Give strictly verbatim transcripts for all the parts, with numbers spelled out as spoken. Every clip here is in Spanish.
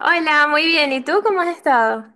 Hola, muy bien. ¿Y tú cómo has estado?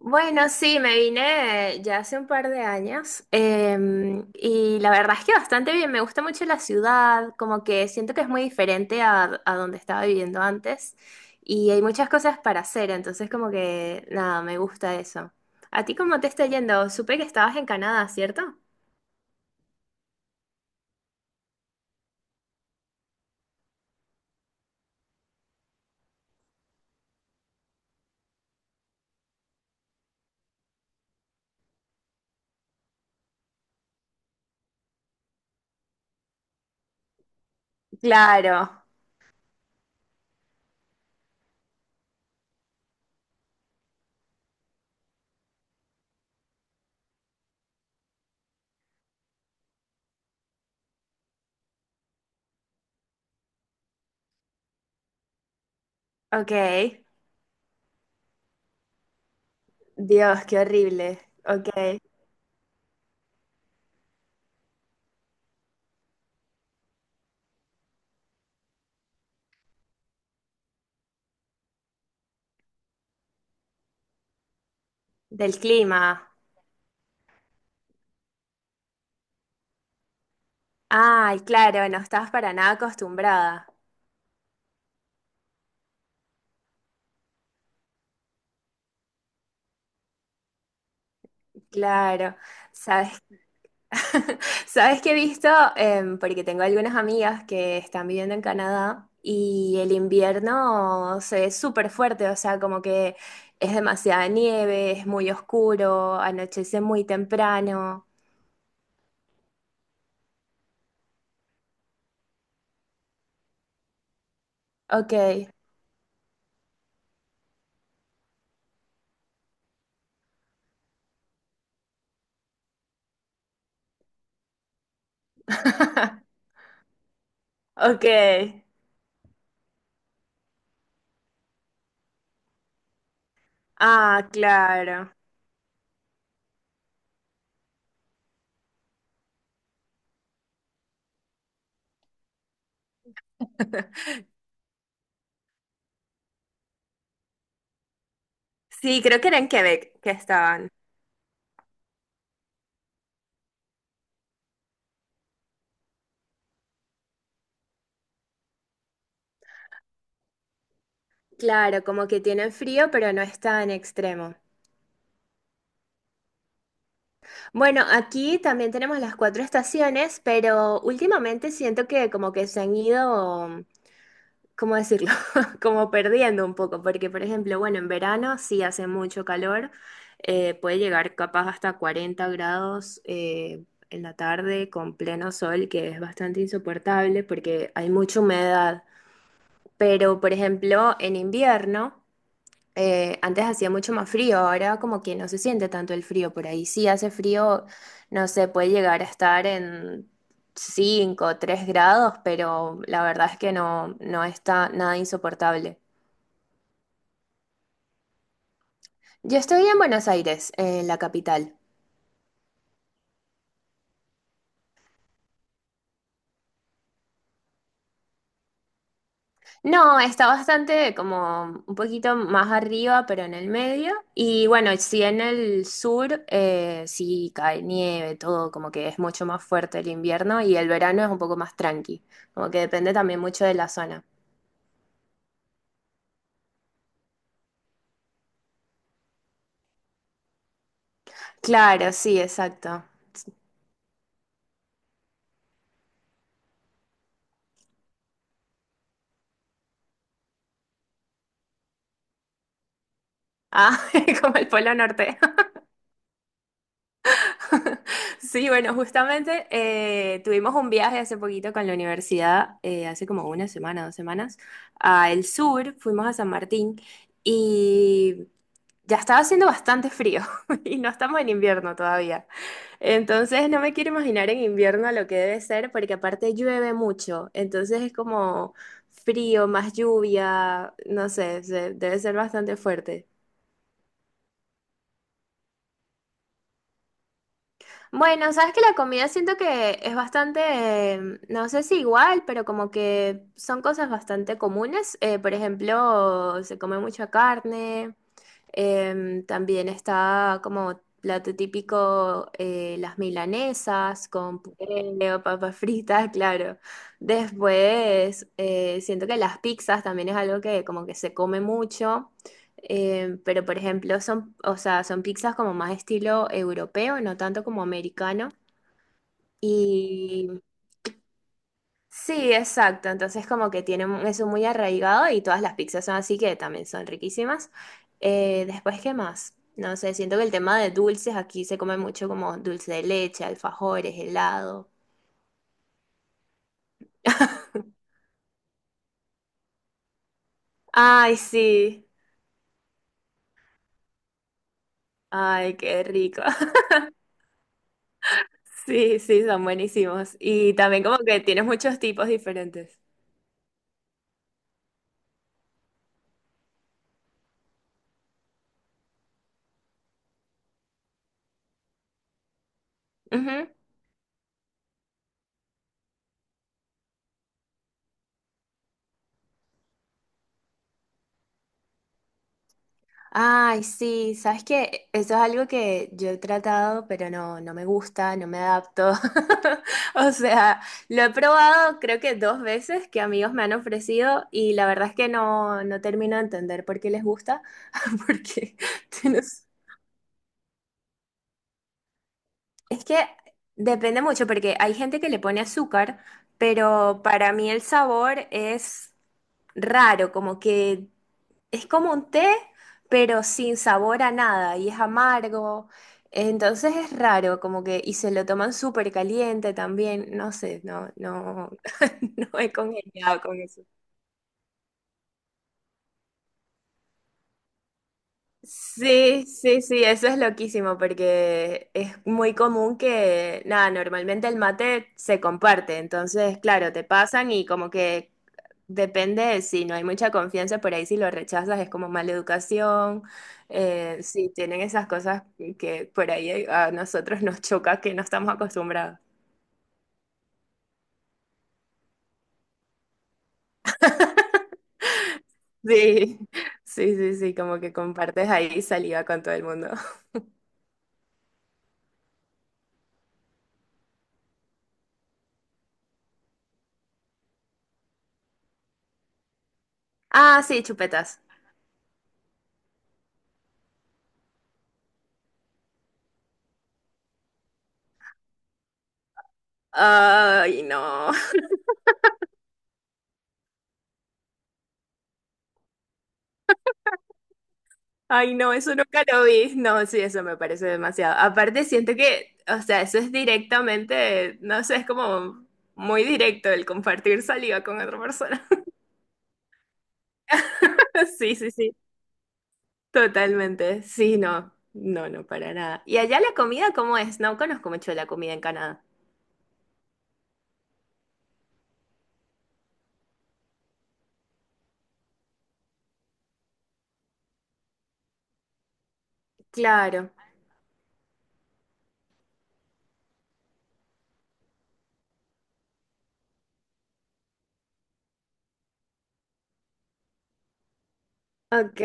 Bueno, sí, me vine ya hace un par de años em, y la verdad es que bastante bien. Me gusta mucho la ciudad, como que siento que es muy diferente a, a donde estaba viviendo antes y hay muchas cosas para hacer, entonces como que nada, me gusta eso. ¿A ti cómo te está yendo? Supe que estabas en Canadá, ¿cierto? Claro, ok. Dios, qué horrible. Ok. Del clima. Ay, claro, no estabas para nada acostumbrada. Claro, sabes, sabes que he visto, Em, porque tengo algunas amigas que están viviendo en Canadá y el invierno se ve súper fuerte, o sea, como que es demasiada nieve, es muy oscuro, anochece muy temprano. Ok, ok. Ah, claro. Sí, creo que era en Quebec que estaban. Claro, como que tienen frío, pero no es tan extremo. Bueno, aquí también tenemos las cuatro estaciones, pero últimamente siento que como que se han ido, ¿cómo decirlo? Como perdiendo un poco, porque por ejemplo, bueno, en verano sí hace mucho calor, eh, puede llegar capaz hasta cuarenta grados eh, en la tarde con pleno sol, que es bastante insoportable porque hay mucha humedad, pero por ejemplo, en invierno... Eh, antes hacía mucho más frío, ahora como que no se siente tanto el frío por ahí. Sí hace frío, no sé, puede llegar a estar en cinco o tres grados, pero la verdad es que no, no está nada insoportable. Yo estoy en Buenos Aires, en la capital. No, está bastante como un poquito más arriba, pero en el medio. Y bueno, sí, en el sur, eh, sí cae nieve, todo, como que es mucho más fuerte el invierno y el verano es un poco más tranqui, como que depende también mucho de la zona. Claro, sí, exacto. Ah, como el Polo Norte. Sí, bueno, justamente eh, tuvimos un viaje hace poquito con la universidad, eh, hace como una semana, dos semanas, a el sur, fuimos a San Martín y ya estaba haciendo bastante frío y no estamos en invierno todavía. Entonces no me quiero imaginar en invierno lo que debe ser porque aparte llueve mucho, entonces es como frío, más lluvia, no sé, se- debe ser bastante fuerte. Bueno, sabes que la comida siento que es bastante, em, no sé si igual, pero como que son cosas bastante comunes. Eh, por ejemplo, se come mucha carne, Em, también está como plato típico eh, las milanesas con puré o papas fritas. Claro. Después eh, siento que las pizzas también es algo que como que se come mucho, em, pero por ejemplo son, o sea, son pizzas como más estilo europeo, no tanto como americano. Y sí, exacto. Entonces como que tiene mu- eso muy arraigado y todas las pizzas son así que también son riquísimas. Eh, después, ¿qué más? No sé, siento que el tema de dulces aquí se come mucho como dulce de leche, alfajores, helado. Ay, sí. Ay, qué rico. Sí, sí, son buenísimos. Y también como que tienes muchos tipos diferentes. Ay, sí, sabes que eso es algo que yo he tratado, pero no, no me gusta, no me adapto. O sea, lo he probado creo que dos veces que amigos me han ofrecido y la verdad es que no, no termino de entender por qué les gusta, porque tienes- es que depende mucho, porque hay gente que le pone azúcar, pero para mí el sabor es raro, como que es como un té, pero sin sabor a nada y es amargo. Entonces es raro, como que, y se lo toman súper caliente también, no sé, no, no, no he congeniado con eso. Sí, sí, sí, eso es loquísimo porque es muy común que, nada, normalmente el mate se comparte, entonces, claro, te pasan y como que depende de si no hay mucha confianza, por ahí si lo rechazas es como mala educación, eh, sí, tienen esas cosas que por ahí a nosotros nos choca que no estamos acostumbrados. Sí, sí, sí, sí, como que compartes ahí saliva con todo el mundo. Ah, sí, chupetas. Ay, no. Ay, no, eso nunca lo vi. No, sí, eso me parece demasiado. Aparte, siento que, o sea, eso es directamente, no sé, es como muy directo el compartir saliva con otra persona. Sí, sí, sí, totalmente. Sí, no, no, no, para nada. ¿Y allá la comida cómo es? No conozco mucho la comida en Canadá. Claro, ok.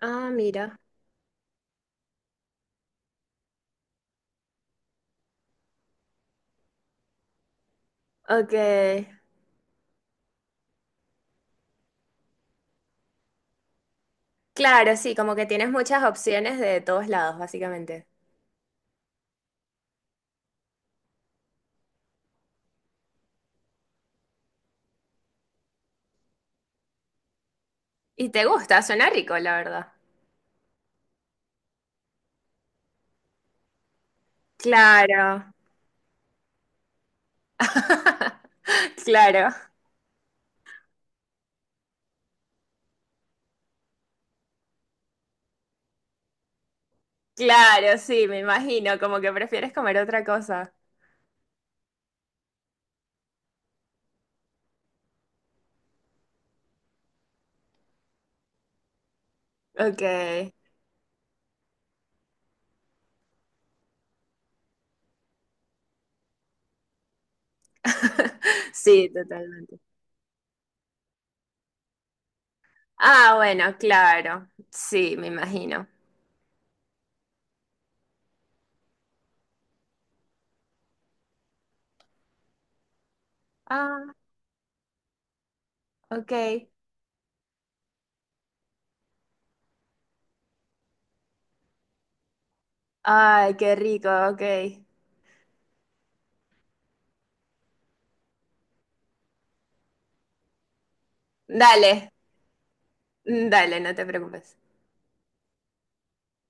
Ah, mira, ok. Claro, sí, como que tienes muchas opciones de todos lados, básicamente. Y te gusta, suena rico, la verdad. Claro, claro, claro, sí, me imagino, como que prefieres comer otra cosa. Ok. Sí, totalmente. Ah, bueno, claro. Sí, me imagino. Ah, ok. Ay, qué rico, ok. Dale, dale, no te preocupes.